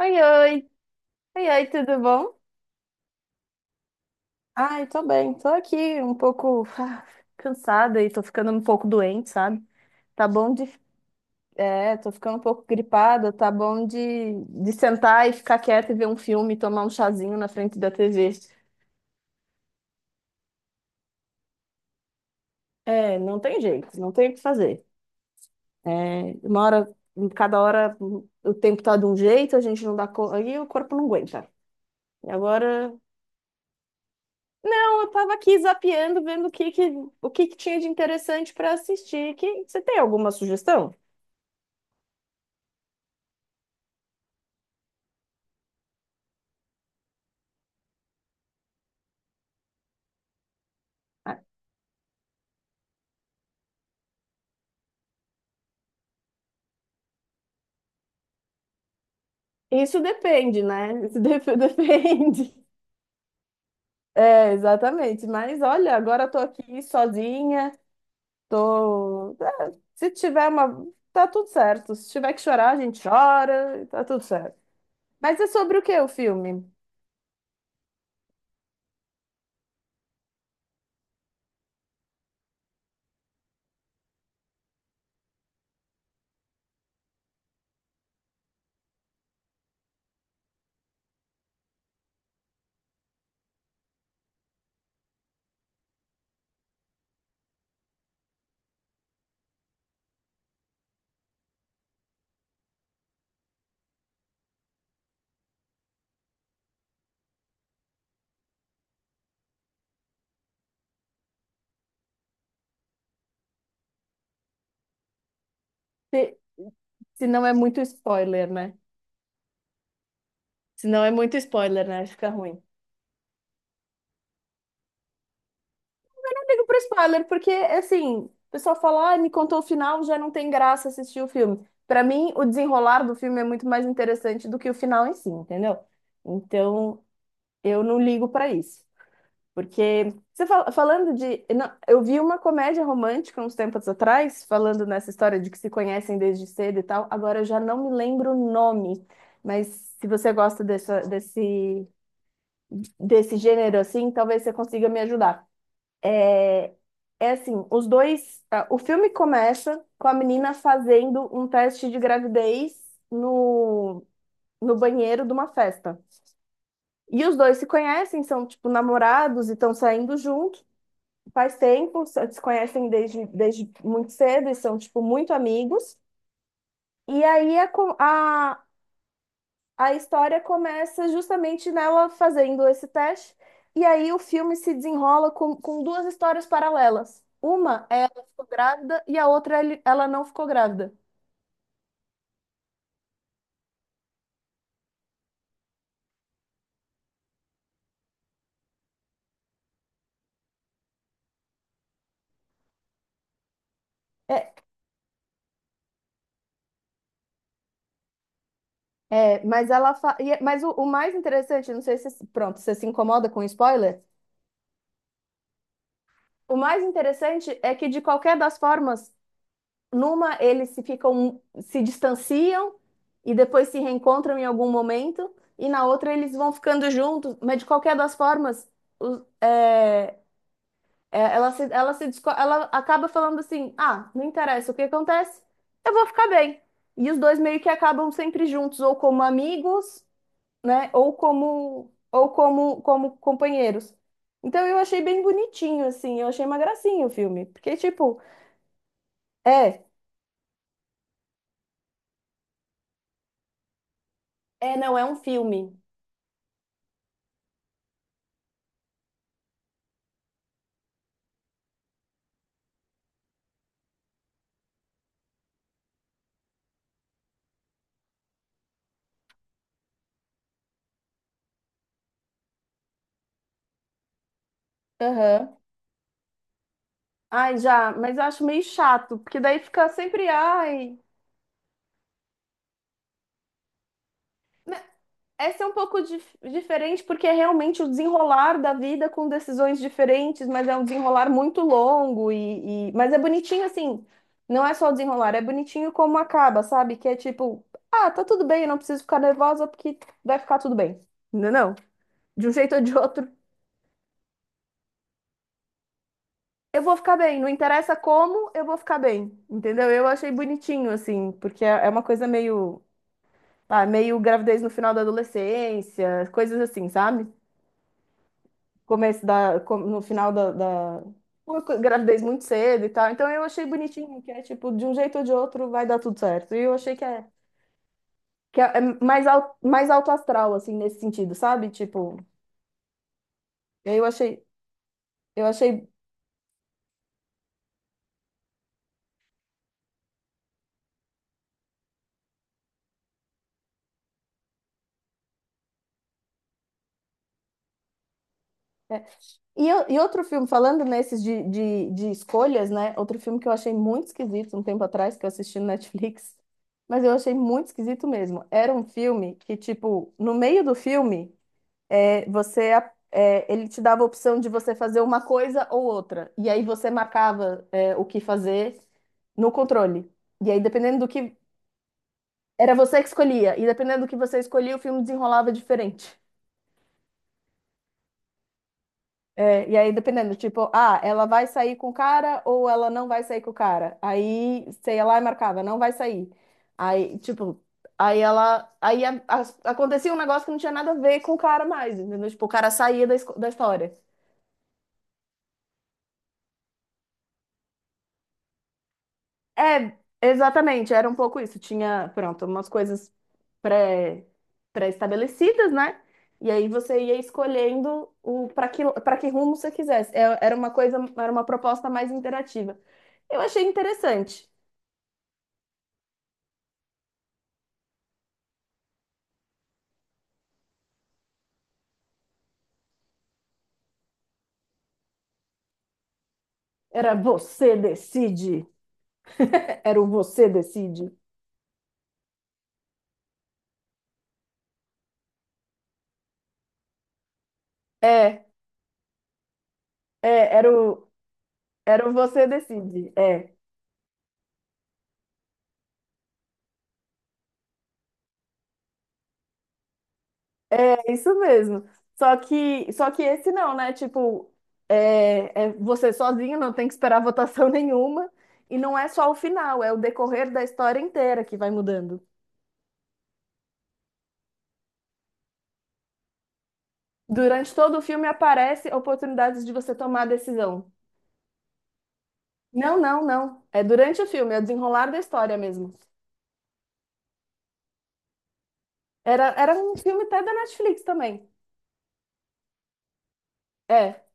Oi, oi. Oi, oi, tudo bom? Ai, tô bem, tô aqui um pouco cansada e tô ficando um pouco doente, sabe? Tá bom de. É, tô ficando um pouco gripada, tá bom de sentar e ficar quieta e ver um filme, tomar um chazinho na frente da TV. É, não tem jeito, não tem o que fazer. É, uma hora, cada hora o tempo tá de um jeito, a gente não dá conta, e o corpo não aguenta. E agora eu tava aqui zapeando, vendo o que que tinha de interessante para assistir. Que, você tem alguma sugestão? Ah, isso depende, né? Depende. É, exatamente. Mas olha, agora eu tô aqui sozinha, tô. É, se tiver uma. Tá tudo certo. Se tiver que chorar, a gente chora, e tá tudo certo. Mas é sobre o que o filme? Se, se não é muito spoiler, né? Se não é muito spoiler, né? Fica ruim. Ligo pro spoiler, porque, assim, o pessoal fala, ah, me contou o final, já não tem graça assistir o filme. Pra mim, o desenrolar do filme é muito mais interessante do que o final em si, entendeu? Então, eu não ligo pra isso. Porque, falando de. Não, eu vi uma comédia romântica uns tempos atrás, falando nessa história de que se conhecem desde cedo e tal. Agora eu já não me lembro o nome. Mas se você gosta desse gênero assim, talvez você consiga me ajudar. É assim, os dois. O filme começa com a menina fazendo um teste de gravidez no, no banheiro de uma festa. E os dois se conhecem, são tipo namorados e estão saindo juntos. Faz tempo, se conhecem desde muito cedo e são tipo muito amigos. E aí a, co- a, A história começa justamente nela fazendo esse teste, e aí o filme se desenrola com duas histórias paralelas. Uma é ela ficou grávida e a outra ela não ficou grávida. É, mas ela fa... e é- mas o mais interessante, não sei se pronto, você se incomoda com spoiler? O mais interessante é que de qualquer das formas eles se ficam, se distanciam e depois se reencontram em algum momento, e na outra eles vão ficando juntos, mas de qualquer das formas, os- é, é, ela se, disco- ela acaba falando assim: ah, não interessa o que acontece, eu vou ficar bem. E os dois meio que acabam sempre juntos, ou como amigos, né, como companheiros. Então eu achei bem bonitinho, assim, eu achei uma gracinha o filme, porque tipo, é, não, é um filme. Aham. Ai, já, mas eu acho meio chato, porque daí fica sempre, ai. Né? Essa é um pouco diferente, porque é realmente o desenrolar da vida com decisões diferentes, mas é um desenrolar muito longo mas é bonitinho assim, não é só o desenrolar, é bonitinho como acaba, sabe? Que é tipo, ah, tá tudo bem, eu não preciso ficar nervosa porque vai ficar tudo bem. Não, não. De um jeito ou de outro, eu vou ficar bem, não interessa como, eu vou ficar bem, entendeu? Eu achei bonitinho, assim, porque é uma coisa meio. Ah, meio gravidez no final da adolescência, coisas assim, sabe? No final uma gravidez muito cedo e tal. Então eu achei bonitinho, que é tipo, de um jeito ou de outro vai dar tudo certo. E eu achei que é, que é mais, mais alto astral, assim, nesse sentido, sabe? Tipo, eu achei, eu achei. É, e e outro filme, falando nesses de escolhas, né? Outro filme que eu achei muito esquisito um tempo atrás, que eu assisti no Netflix, mas eu achei muito esquisito mesmo. Era um filme que, tipo, no meio do filme, ele te dava a opção de você fazer uma coisa ou outra. E aí você marcava, o que fazer no controle. E aí, dependendo do que. Era você que escolhia. E dependendo do que você escolhia, o filme desenrolava diferente. É, e aí, dependendo, tipo, ah, ela vai sair com o cara ou ela não vai sair com o cara. Aí, sei lá, e marcava, não vai sair. Aí, tipo, aí ela. Acontecia um negócio que não tinha nada a ver com o cara mais, entendeu? Tipo, o cara saía da história. É, exatamente, era um pouco isso. Tinha, pronto, umas coisas pré, pré-estabelecidas, né? E aí você ia escolhendo o para que rumo você quisesse. Era uma coisa, era uma proposta mais interativa. Eu achei interessante. Era você decide. É, era o você decide. É, É, era o você decide. É, é isso mesmo. Só que esse não, né? Tipo, é você sozinho, não tem que esperar votação nenhuma. E não é só o final, é o decorrer da história inteira que vai mudando. Durante todo o filme aparece oportunidades de você tomar a decisão. Não. É durante o filme, é o desenrolar da história mesmo. Era um filme até da Netflix também. É.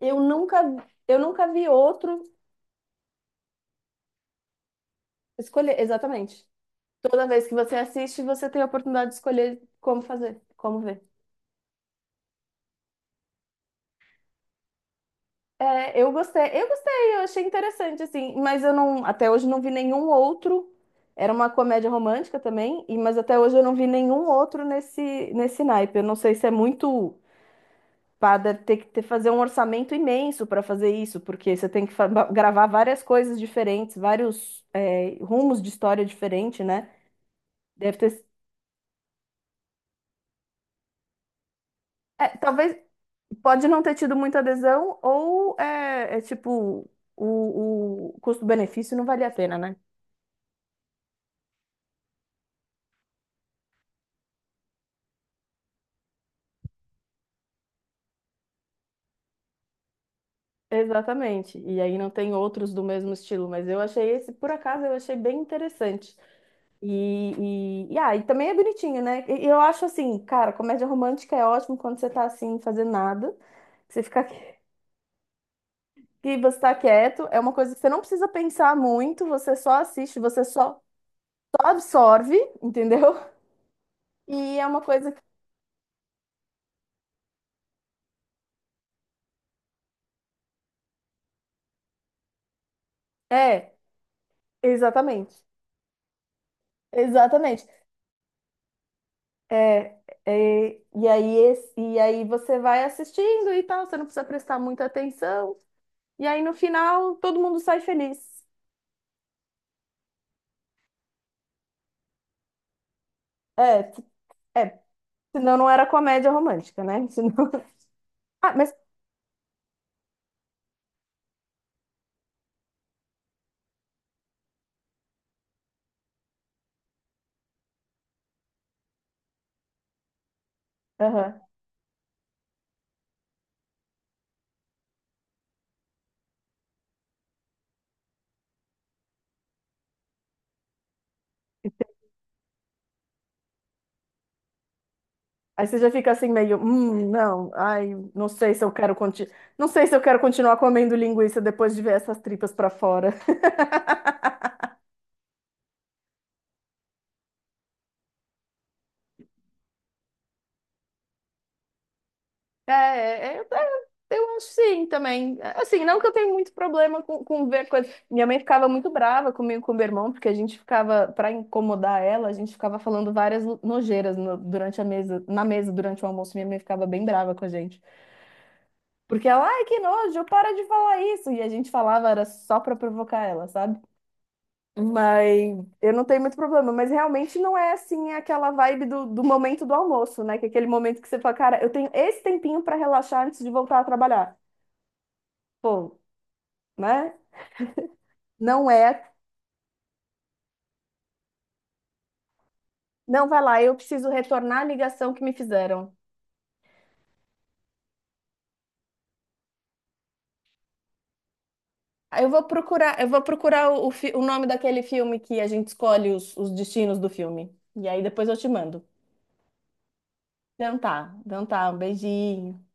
Eu nunca, eu nunca vi outro escolher. Exatamente. Toda vez que você assiste, você tem a oportunidade de escolher como fazer, como ver. É, eu gostei, eu achei interessante, assim, mas eu não, até hoje não vi nenhum outro. Era uma comédia romântica também, e, mas até hoje eu não vi nenhum outro nesse naipe. Eu não sei se é muito. Pá, deve ter que ter, fazer um orçamento imenso para fazer isso, porque você tem que gravar várias coisas diferentes, vários, rumos de história diferente, né? Deve ter, é, talvez pode não ter tido muita adesão, ou é tipo, o custo-benefício não valia a pena, né? Exatamente. E aí não tem outros do mesmo estilo, mas eu achei esse, por acaso, eu achei bem interessante. E também é bonitinho, né? E eu acho assim, cara, comédia romântica é ótimo quando você tá assim, fazendo nada, que você fica que você tá quieto, é uma coisa que você não precisa pensar muito, você só assiste, você só, só absorve, entendeu? E é uma coisa que. É, exatamente, exatamente. É, e aí e aí você vai assistindo e tal, você não precisa prestar muita atenção. E aí no final todo mundo sai feliz. É, t- é, senão não era comédia romântica, né? Senão... Ah, mas aham. Aí você já fica assim meio, não, ai, não sei se eu quero conti... não sei se eu quero continuar comendo linguiça depois de ver essas tripas pra fora. É, é, é, é, eu acho sim também. Assim, não que eu tenha muito problema com ver coisas. Minha mãe ficava muito brava comigo, e com meu irmão, porque a gente ficava, pra incomodar ela, a gente ficava falando várias nojeiras durante a mesa, na mesa durante o almoço. Minha mãe ficava bem brava com a gente. Porque ela, ai, que nojo, para de falar isso. E a gente falava, era só pra provocar ela, sabe? Mas eu não tenho muito problema, mas realmente não é assim aquela vibe do momento do almoço, né? Que é aquele momento que você fala, cara, eu tenho esse tempinho pra relaxar antes de voltar a trabalhar. Pô, né? Não é. Não vai lá, eu preciso retornar a ligação que me fizeram. Eu vou procurar o, o nome daquele filme que a gente escolhe os destinos do filme. E aí depois eu te mando. Então tá, um beijinho.